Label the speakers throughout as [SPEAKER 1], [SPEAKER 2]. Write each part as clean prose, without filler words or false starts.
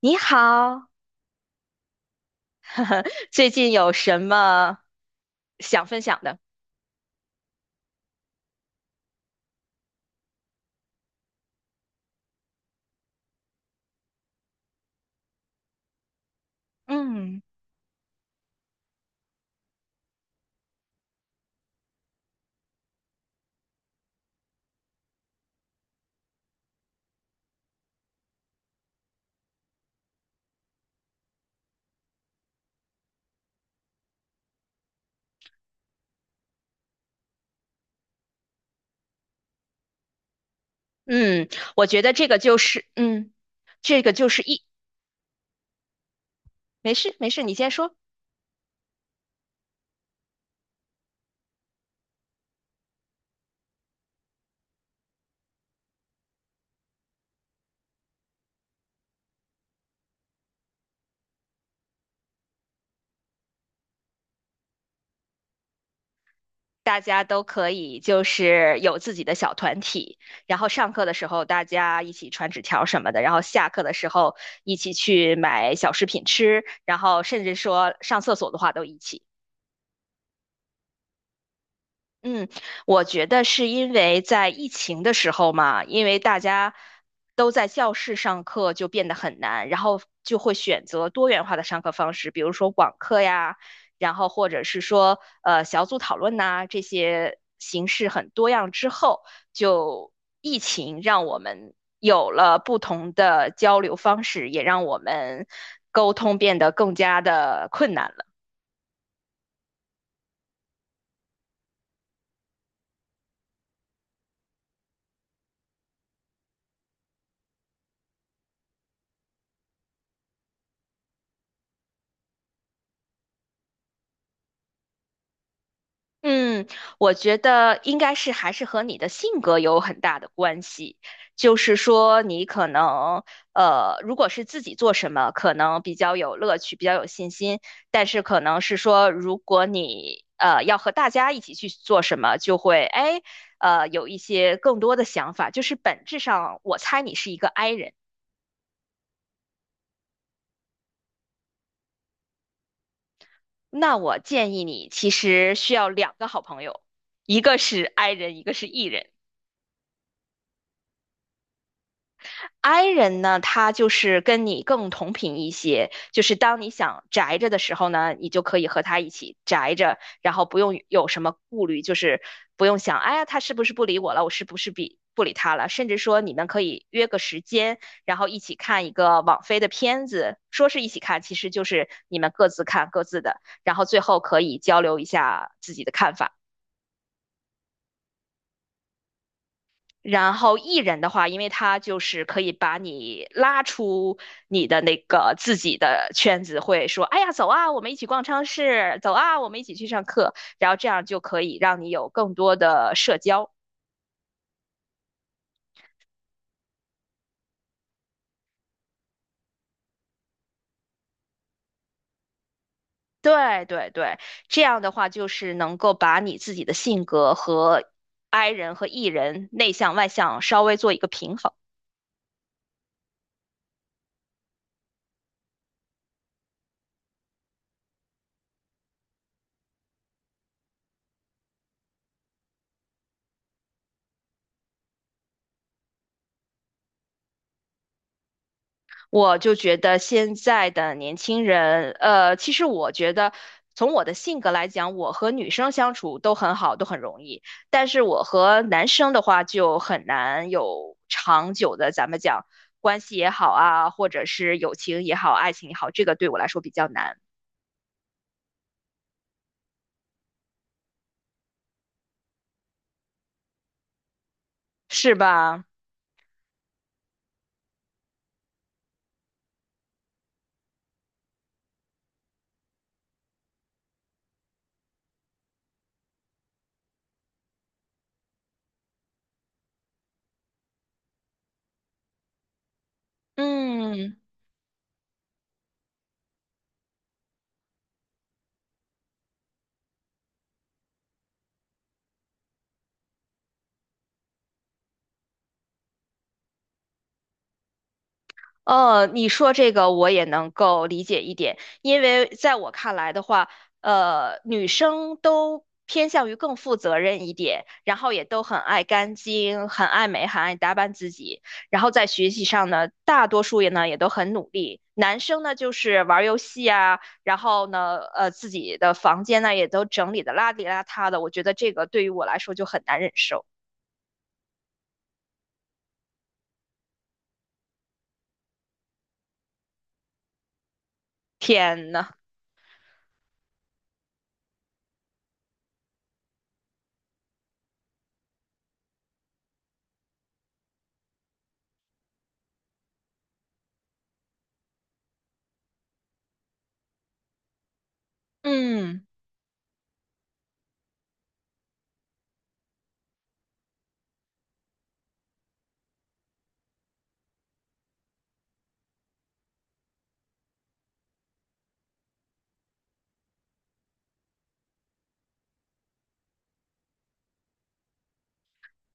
[SPEAKER 1] 你好，最近有什么想分享的？嗯嗯，我觉得这个就是，这个就是一，没事没事，你先说。大家都可以就是有自己的小团体，然后上课的时候大家一起传纸条什么的，然后下课的时候一起去买小食品吃，然后甚至说上厕所的话都一起。嗯，我觉得是因为在疫情的时候嘛，因为大家都在教室上课，就变得很难，然后就会选择多元化的上课方式，比如说网课呀，然后或者是说小组讨论呐，这些形式很多样之后，就疫情让我们有了不同的交流方式，也让我们沟通变得更加的困难了。嗯，我觉得应该是还是和你的性格有很大的关系。就是说，你可能如果是自己做什么，可能比较有乐趣，比较有信心；但是可能是说，如果你要和大家一起去做什么，就会哎有一些更多的想法。就是本质上，我猜你是一个 I 人。那我建议你其实需要两个好朋友，一个是 I 人，一个是 E 人。I 人呢，他就是跟你更同频一些，就是当你想宅着的时候呢，你就可以和他一起宅着，然后不用有什么顾虑，就是不用想，哎呀，他是不是不理我了，我是不是比不理他了，甚至说你们可以约个时间，然后一起看一个网飞的片子，说是一起看，其实就是你们各自看各自的，然后最后可以交流一下自己的看法。然后艺人的话，因为他就是可以把你拉出你的那个自己的圈子，会说，哎呀，走啊，我们一起逛超市，走啊，我们一起去上课，然后这样就可以让你有更多的社交。对对对，这样的话就是能够把你自己的性格和 I 人和 E 人内向外向稍微做一个平衡。我就觉得现在的年轻人，其实我觉得从我的性格来讲，我和女生相处都很好，都很容易，但是我和男生的话就很难有长久的，咱们讲关系也好啊，或者是友情也好，爱情也好，这个对我来说比较难，是吧？嗯。你说这个我也能够理解一点，因为在我看来的话，女生都偏向于更负责任一点，然后也都很爱干净，很爱美，很爱打扮自己，然后在学习上呢，大多数也都很努力。男生呢就是玩儿游戏啊，然后呢，自己的房间呢也都整理的邋里邋遢的，我觉得这个对于我来说就很难忍受。天呐，嗯。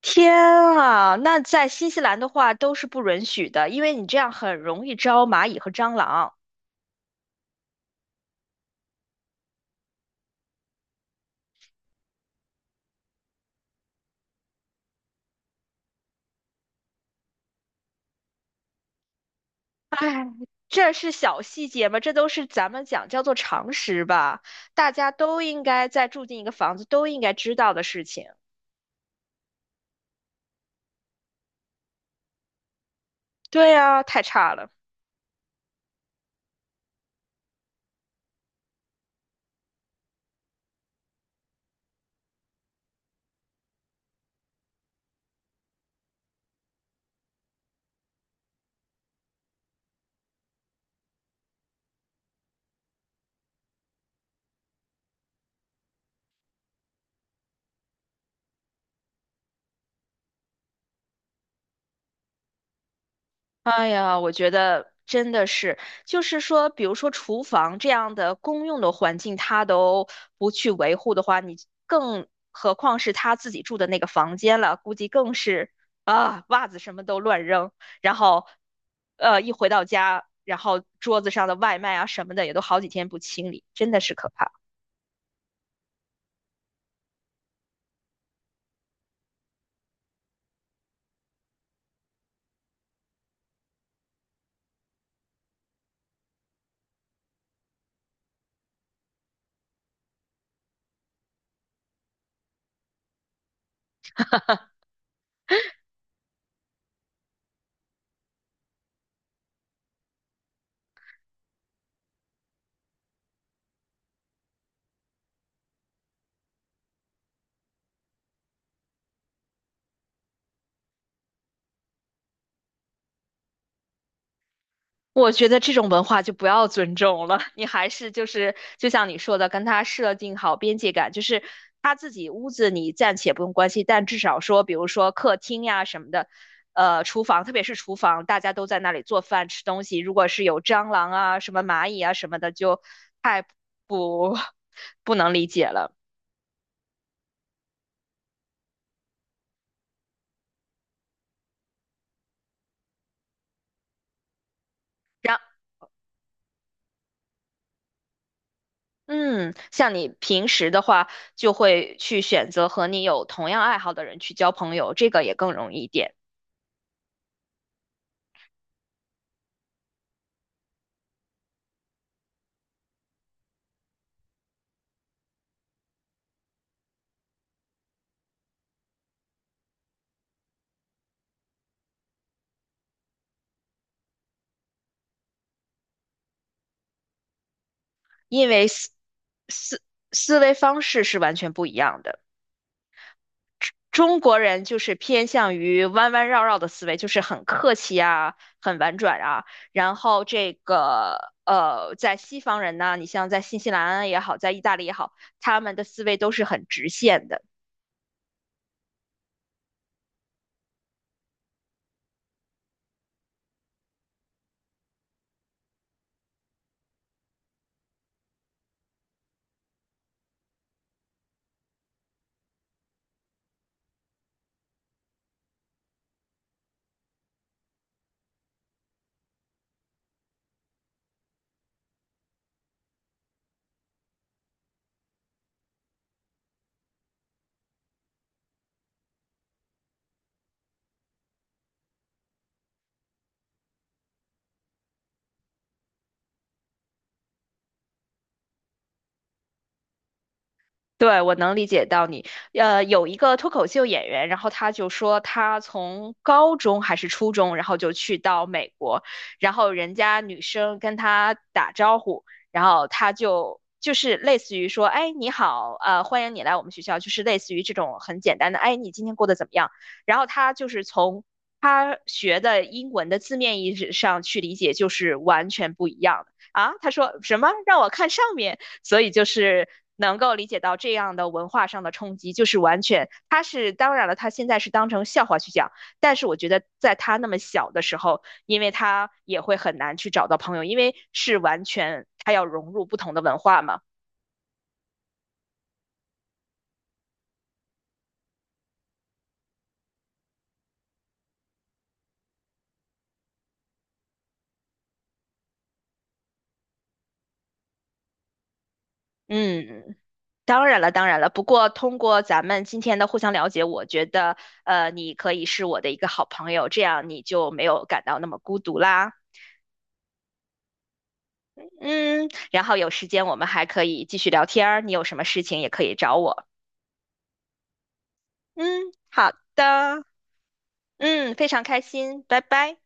[SPEAKER 1] 天啊，那在新西兰的话都是不允许的，因为你这样很容易招蚂蚁和蟑螂。哎，这是小细节吗？这都是咱们讲叫做常识吧，大家都应该在住进一个房子都应该知道的事情。对啊，太差了。哎呀，我觉得真的是，就是说，比如说厨房这样的公用的环境，他都不去维护的话，你更何况是他自己住的那个房间了，估计更是啊，袜子什么都乱扔，然后，一回到家，然后桌子上的外卖啊什么的也都好几天不清理，真的是可怕。我觉得这种文化就不要尊重了，你还是就是就像你说的，跟他设定好边界感，就是他自己屋子你暂且不用关心，但至少说，比如说客厅呀什么的，厨房，特别是厨房，大家都在那里做饭吃东西，如果是有蟑螂啊、什么蚂蚁啊什么的，就太不 不能理解了。然，嗯，像你平时的话，就会去选择和你有同样爱好的人去交朋友，这个也更容易一点。因为思思维方式是完全不一样的。中国人就是偏向于弯弯绕绕的思维，就是很客气啊，很婉转啊。然后这个在西方人呢，你像在新西兰也好，在意大利也好，他们的思维都是很直线的。对，我能理解到你。有一个脱口秀演员，然后他就说他从高中还是初中，然后就去到美国，然后人家女生跟他打招呼，然后他就是类似于说，哎，你好，欢迎你来我们学校，就是类似于这种很简单的，哎，你今天过得怎么样？然后他就是从他学的英文的字面意思上去理解，就是完全不一样的。啊，他说什么？让我看上面。所以就是能够理解到这样的文化上的冲击，就是完全他是当然了，他现在是当成笑话去讲，但是我觉得在他那么小的时候，因为他也会很难去找到朋友，因为是完全他要融入不同的文化嘛。嗯，当然了，当然了。不过通过咱们今天的互相了解，我觉得，你可以是我的一个好朋友，这样你就没有感到那么孤独啦。嗯，然后有时间我们还可以继续聊天儿，你有什么事情也可以找我。嗯，好的，嗯，非常开心，拜拜。